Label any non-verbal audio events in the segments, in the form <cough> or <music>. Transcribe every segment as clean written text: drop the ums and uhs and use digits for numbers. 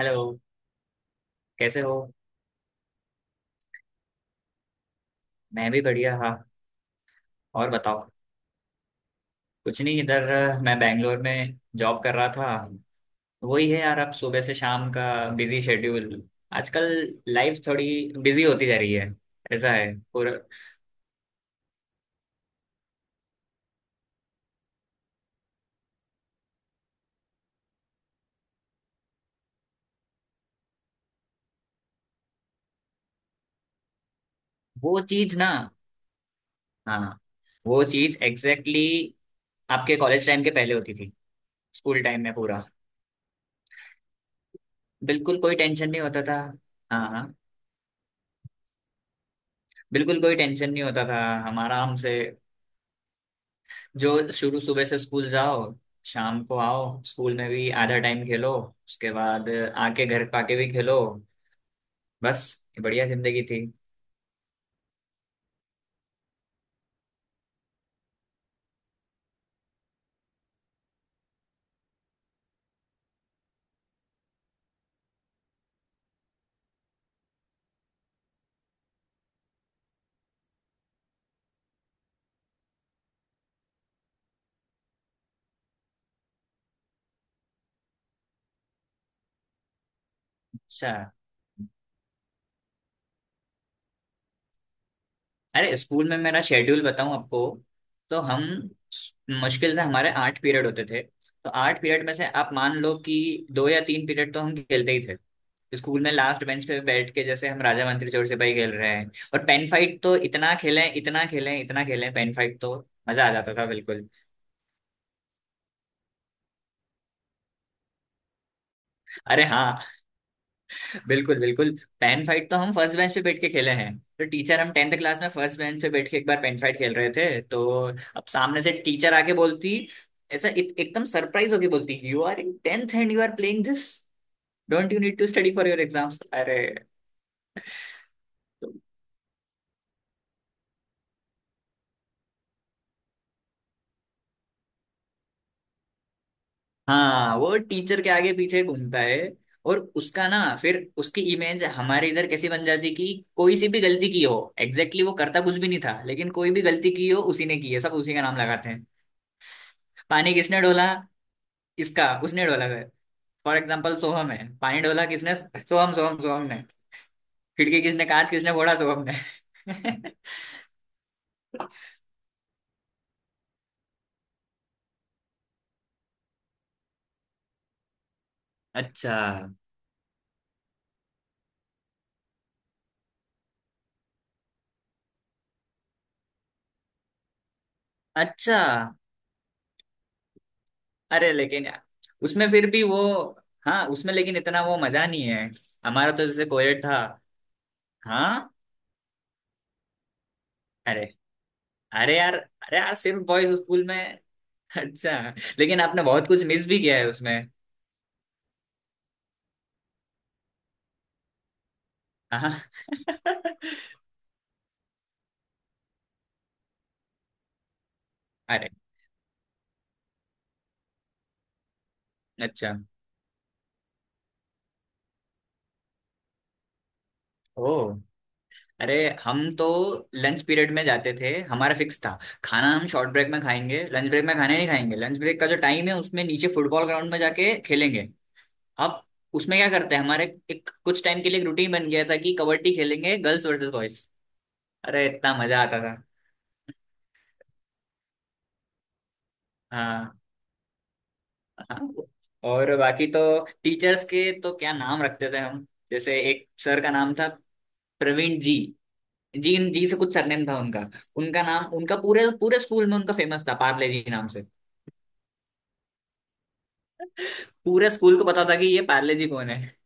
Hello. कैसे हो? मैं भी बढ़िया। हाँ और बताओ। कुछ नहीं इधर मैं बैंगलोर में जॉब कर रहा था। वही है यार, अब सुबह से शाम का बिजी शेड्यूल आजकल। लाइफ थोड़ी बिजी होती जा रही है। ऐसा है। और वो चीज ना, हाँ हाँ, वो चीज एग्जैक्टली exactly आपके कॉलेज टाइम के पहले होती थी, स्कूल टाइम में पूरा। बिल्कुल कोई टेंशन नहीं होता था। हाँ हाँ। बिल्कुल कोई टेंशन नहीं होता था। हम आराम से, जो शुरू सुबह से स्कूल जाओ, शाम को आओ, स्कूल में भी आधा टाइम खेलो, उसके बाद आके घर पाके भी खेलो। बस, ये बढ़िया जिंदगी थी। अच्छा। अरे स्कूल में मेरा शेड्यूल बताऊं आपको? तो हम मुश्किल से हमारे 8 पीरियड होते थे, तो 8 पीरियड में से आप मान लो कि दो या तीन पीरियड तो हम खेलते ही थे। स्कूल में लास्ट बेंच पे बैठ के जैसे हम राजा मंत्री चोर सिपाही खेल रहे हैं। और पेन फाइट तो इतना खेलें इतना खेलें इतना खेलें, पेन फाइट तो मजा आ जाता था बिल्कुल। अरे हाँ, बिल्कुल बिल्कुल। पेन फाइट तो हम फर्स्ट बेंच पे बैठ के खेले हैं, तो टीचर, हम 10th क्लास में फर्स्ट बेंच पे बैठ के एक बार पेन फाइट खेल रहे थे, तो अब सामने से टीचर आके बोलती, ऐसा एकदम सरप्राइज होके बोलती, you are in 10th and you are playing this, don't you need to study for your exams. अरे तो- हाँ, वो टीचर के आगे पीछे घूमता है। और उसका ना, फिर उसकी इमेज हमारे इधर कैसी बन जाती कि कोई सी भी गलती की हो, एग्जैक्टली exactly वो करता कुछ भी नहीं था, लेकिन कोई भी गलती की हो उसी ने की है, सब उसी का नाम लगाते हैं। पानी किसने डोला, इसका उसने डोला गया। फॉर एग्जाम्पल सोहम है, पानी डोला किसने? सोहम सोहम सोहम ने। खिड़की किसने, कांच किसने फोड़ा? सोहम ने। <laughs> अच्छा। अच्छा। अरे लेकिन यार, उसमें फिर भी वो, हाँ उसमें लेकिन इतना वो मजा नहीं है। हमारा तो जैसे कोएड था। हाँ। अरे अरे यार सिर्फ बॉयज स्कूल में। अच्छा, लेकिन आपने बहुत कुछ मिस भी किया है उसमें। हाँ। <laughs> अरे अच्छा। ओ अरे। हम तो लंच पीरियड में जाते थे, हमारा फिक्स था, खाना हम शॉर्ट ब्रेक में खाएंगे, लंच ब्रेक में खाना नहीं खाएंगे। लंच ब्रेक का जो टाइम है, उसमें नीचे फुटबॉल ग्राउंड में जाके खेलेंगे। अब उसमें क्या करते हैं हमारे, एक कुछ टाइम के लिए एक रूटीन बन गया था कि कबड्डी खेलेंगे गर्ल्स वर्सेस बॉयज। अरे इतना मजा आता था। हाँ हाँ। और बाकी तो टीचर्स के तो क्या नाम रखते थे हम। जैसे एक सर का नाम था प्रवीण जी, जी जी से कुछ सरनेम था उनका। उनका नाम, उनका पूरे पूरे स्कूल में उनका फेमस था पार्ले जी नाम से। पूरे स्कूल को पता था कि ये पार्ले जी कौन है।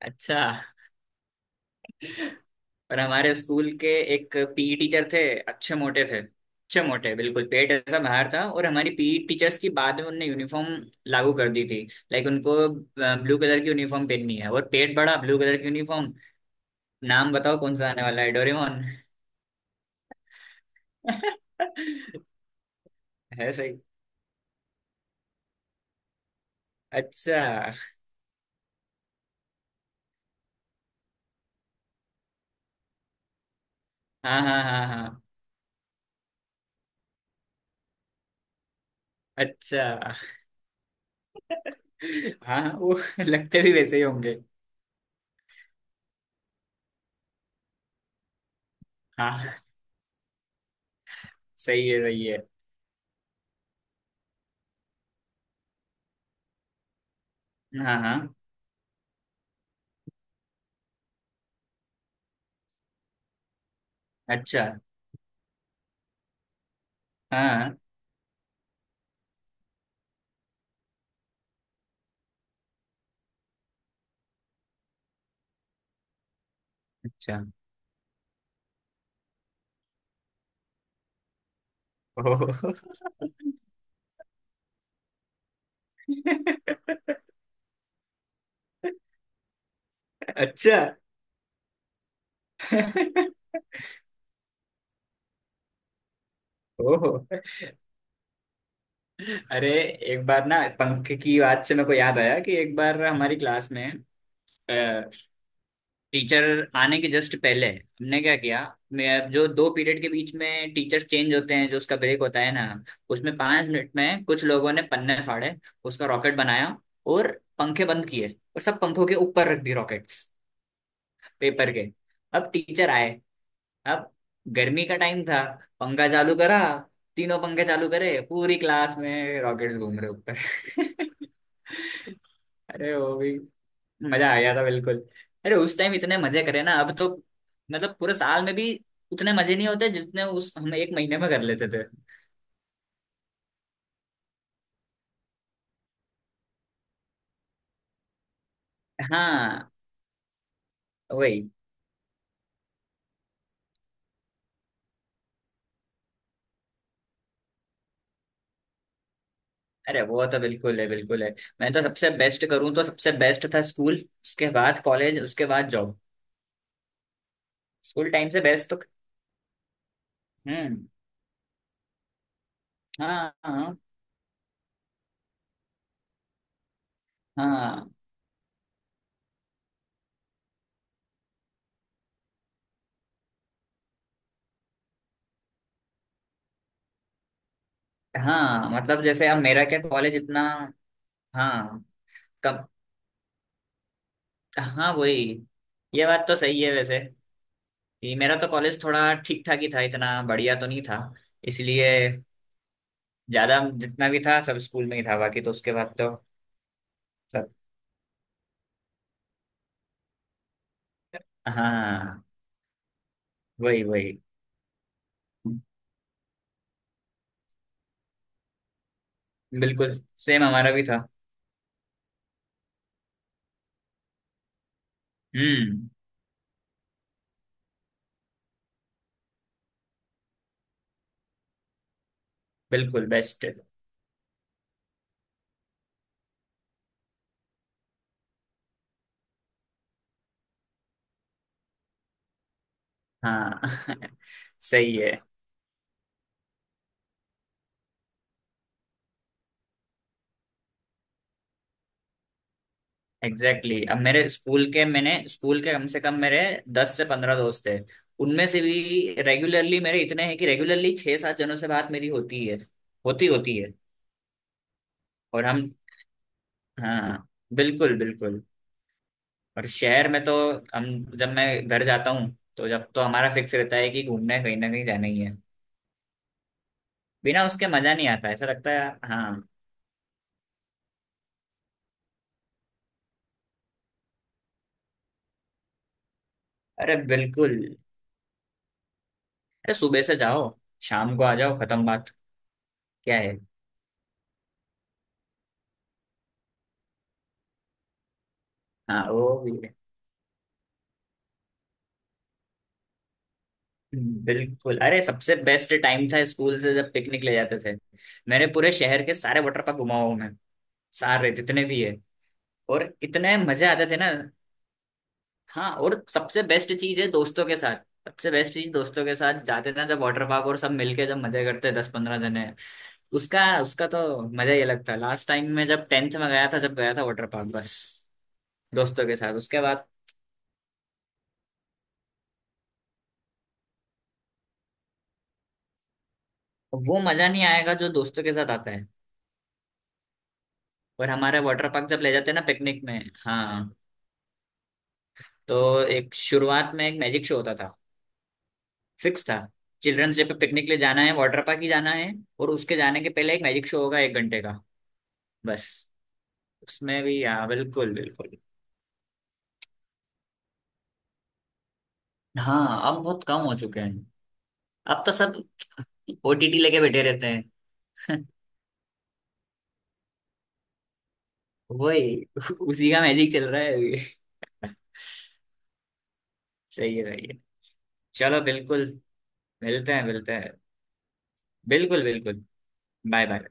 अच्छा। और हमारे स्कूल के एक पीई टीचर थे, अच्छे मोटे थे, अच्छे मोटे, बिल्कुल पेट ऐसा बाहर था। और हमारी पीई टीचर्स की बाद में उनने यूनिफॉर्म लागू कर दी थी। लाइक उनको ब्लू कलर की यूनिफॉर्म पहननी है, और पेट बड़ा, ब्लू कलर की यूनिफॉर्म। नाम बताओ कौन सा आने वाला है? डोरेमोन। <laughs> है सही। अच्छा, हाँ हाँ हाँ हाँ। अच्छा। <laughs> हाँ हाँ, वो लगते भी वैसे ही होंगे। हाँ सही है सही है। हाँ हाँ। अच्छा, हाँ। अच्छा। ओह <laughs> अच्छा। ओह अरे, एक बार ना पंख की बात से मेरे को याद आया कि एक बार हमारी क्लास में टीचर आने के जस्ट पहले हमने क्या किया। मैं, जो दो पीरियड के बीच में टीचर्स चेंज होते हैं, जो उसका ब्रेक होता है ना, उसमें 5 मिनट में कुछ लोगों ने पन्ने फाड़े, उसका रॉकेट बनाया, और पंखे बंद किए, और सब पंखों के ऊपर रख दी रॉकेट्स। पेपर के। अब टीचर आए। अब गर्मी का टाइम था, पंखा चालू करा, तीनों पंखे चालू करे, पूरी क्लास में रॉकेट्स घूम रहे ऊपर। <laughs> अरे वो भी मजा आ गया था बिल्कुल। अरे उस टाइम इतने मजे करे ना, अब तो मतलब पूरे साल में भी उतने मजे नहीं होते जितने उस, हम एक महीने में कर लेते थे। हाँ वही। अरे वो तो बिल्कुल है बिल्कुल है। मैं तो सबसे बेस्ट करूँ तो सबसे बेस्ट था स्कूल, उसके बाद कॉलेज, उसके बाद जॉब। स्कूल टाइम से बेस्ट तो। हम्म, हाँ हाँ हाँ हाँ। मतलब जैसे अब मेरा क्या कॉलेज इतना। हाँ। कम। हाँ वही। ये बात तो सही है वैसे कि मेरा तो कॉलेज थोड़ा ठीक ठाक ही था, इतना बढ़िया तो नहीं था। इसलिए ज्यादा जितना भी था सब स्कूल में ही था, बाकी तो उसके बाद तो। सब। हाँ वही वही, बिल्कुल। सेम हमारा भी था। हम्म, बिल्कुल बेस्ट। हाँ <laughs> सही है। Exactly exactly। अब मेरे स्कूल के, मैंने स्कूल के कम से कम मेरे 10 से 15 दोस्त हैं। उनमें से भी रेगुलरली मेरे इतने हैं कि रेगुलरली छह सात जनों से बात मेरी होती है। होती होती है। और हम, हाँ, बिल्कुल बिल्कुल। और शहर में तो हम, जब मैं घर जाता हूँ तो जब तो हमारा फिक्स रहता है कि घूमना है कहीं ना कहीं जाना ही है। बिना उसके मजा नहीं आता ऐसा लगता है। हाँ। अरे बिल्कुल। अरे सुबह से जाओ, शाम को आ जाओ, खत्म बात। क्या है। हाँ वो भी, बिल्कुल। अरे सबसे बेस्ट टाइम था स्कूल से जब पिकनिक ले जाते थे। मेरे पूरे शहर के सारे वाटर पार्क घुमा हूं मैं, सारे जितने भी है। और इतने मजे आते थे ना। हाँ, और सबसे बेस्ट चीज है दोस्तों के साथ। सबसे बेस्ट चीज दोस्तों के साथ जाते थे ना जब वाटर पार्क, और सब मिलके जब मजे करते 10-15 जने। उसका उसका तो मजा ही अलग था। लास्ट टाइम में जब 10th में गया था, जब गया था वाटर पार्क बस दोस्तों के साथ, उसके बाद वो मजा नहीं आएगा जो दोस्तों के साथ आता है। और हमारे वाटर पार्क जब ले जाते हैं ना पिकनिक में, हाँ, तो एक शुरुआत में एक मैजिक शो होता था। फिक्स था, चिल्ड्रंस डे पे पिकनिक ले जाना है वाटर पार्क ही जाना है, और उसके जाने के पहले एक मैजिक शो होगा एक घंटे का। बस। उसमें भी, हाँ बिल्कुल बिल्कुल। हाँ अब बहुत कम हो चुके हैं। अब तो सब ओटीटी लेके बैठे रहते हैं। <laughs> वही, उसी का मैजिक चल रहा है अभी। <laughs> सही है सही है। चलो बिल्कुल। मिलते हैं मिलते हैं। बिल्कुल बिल्कुल। Bye bye.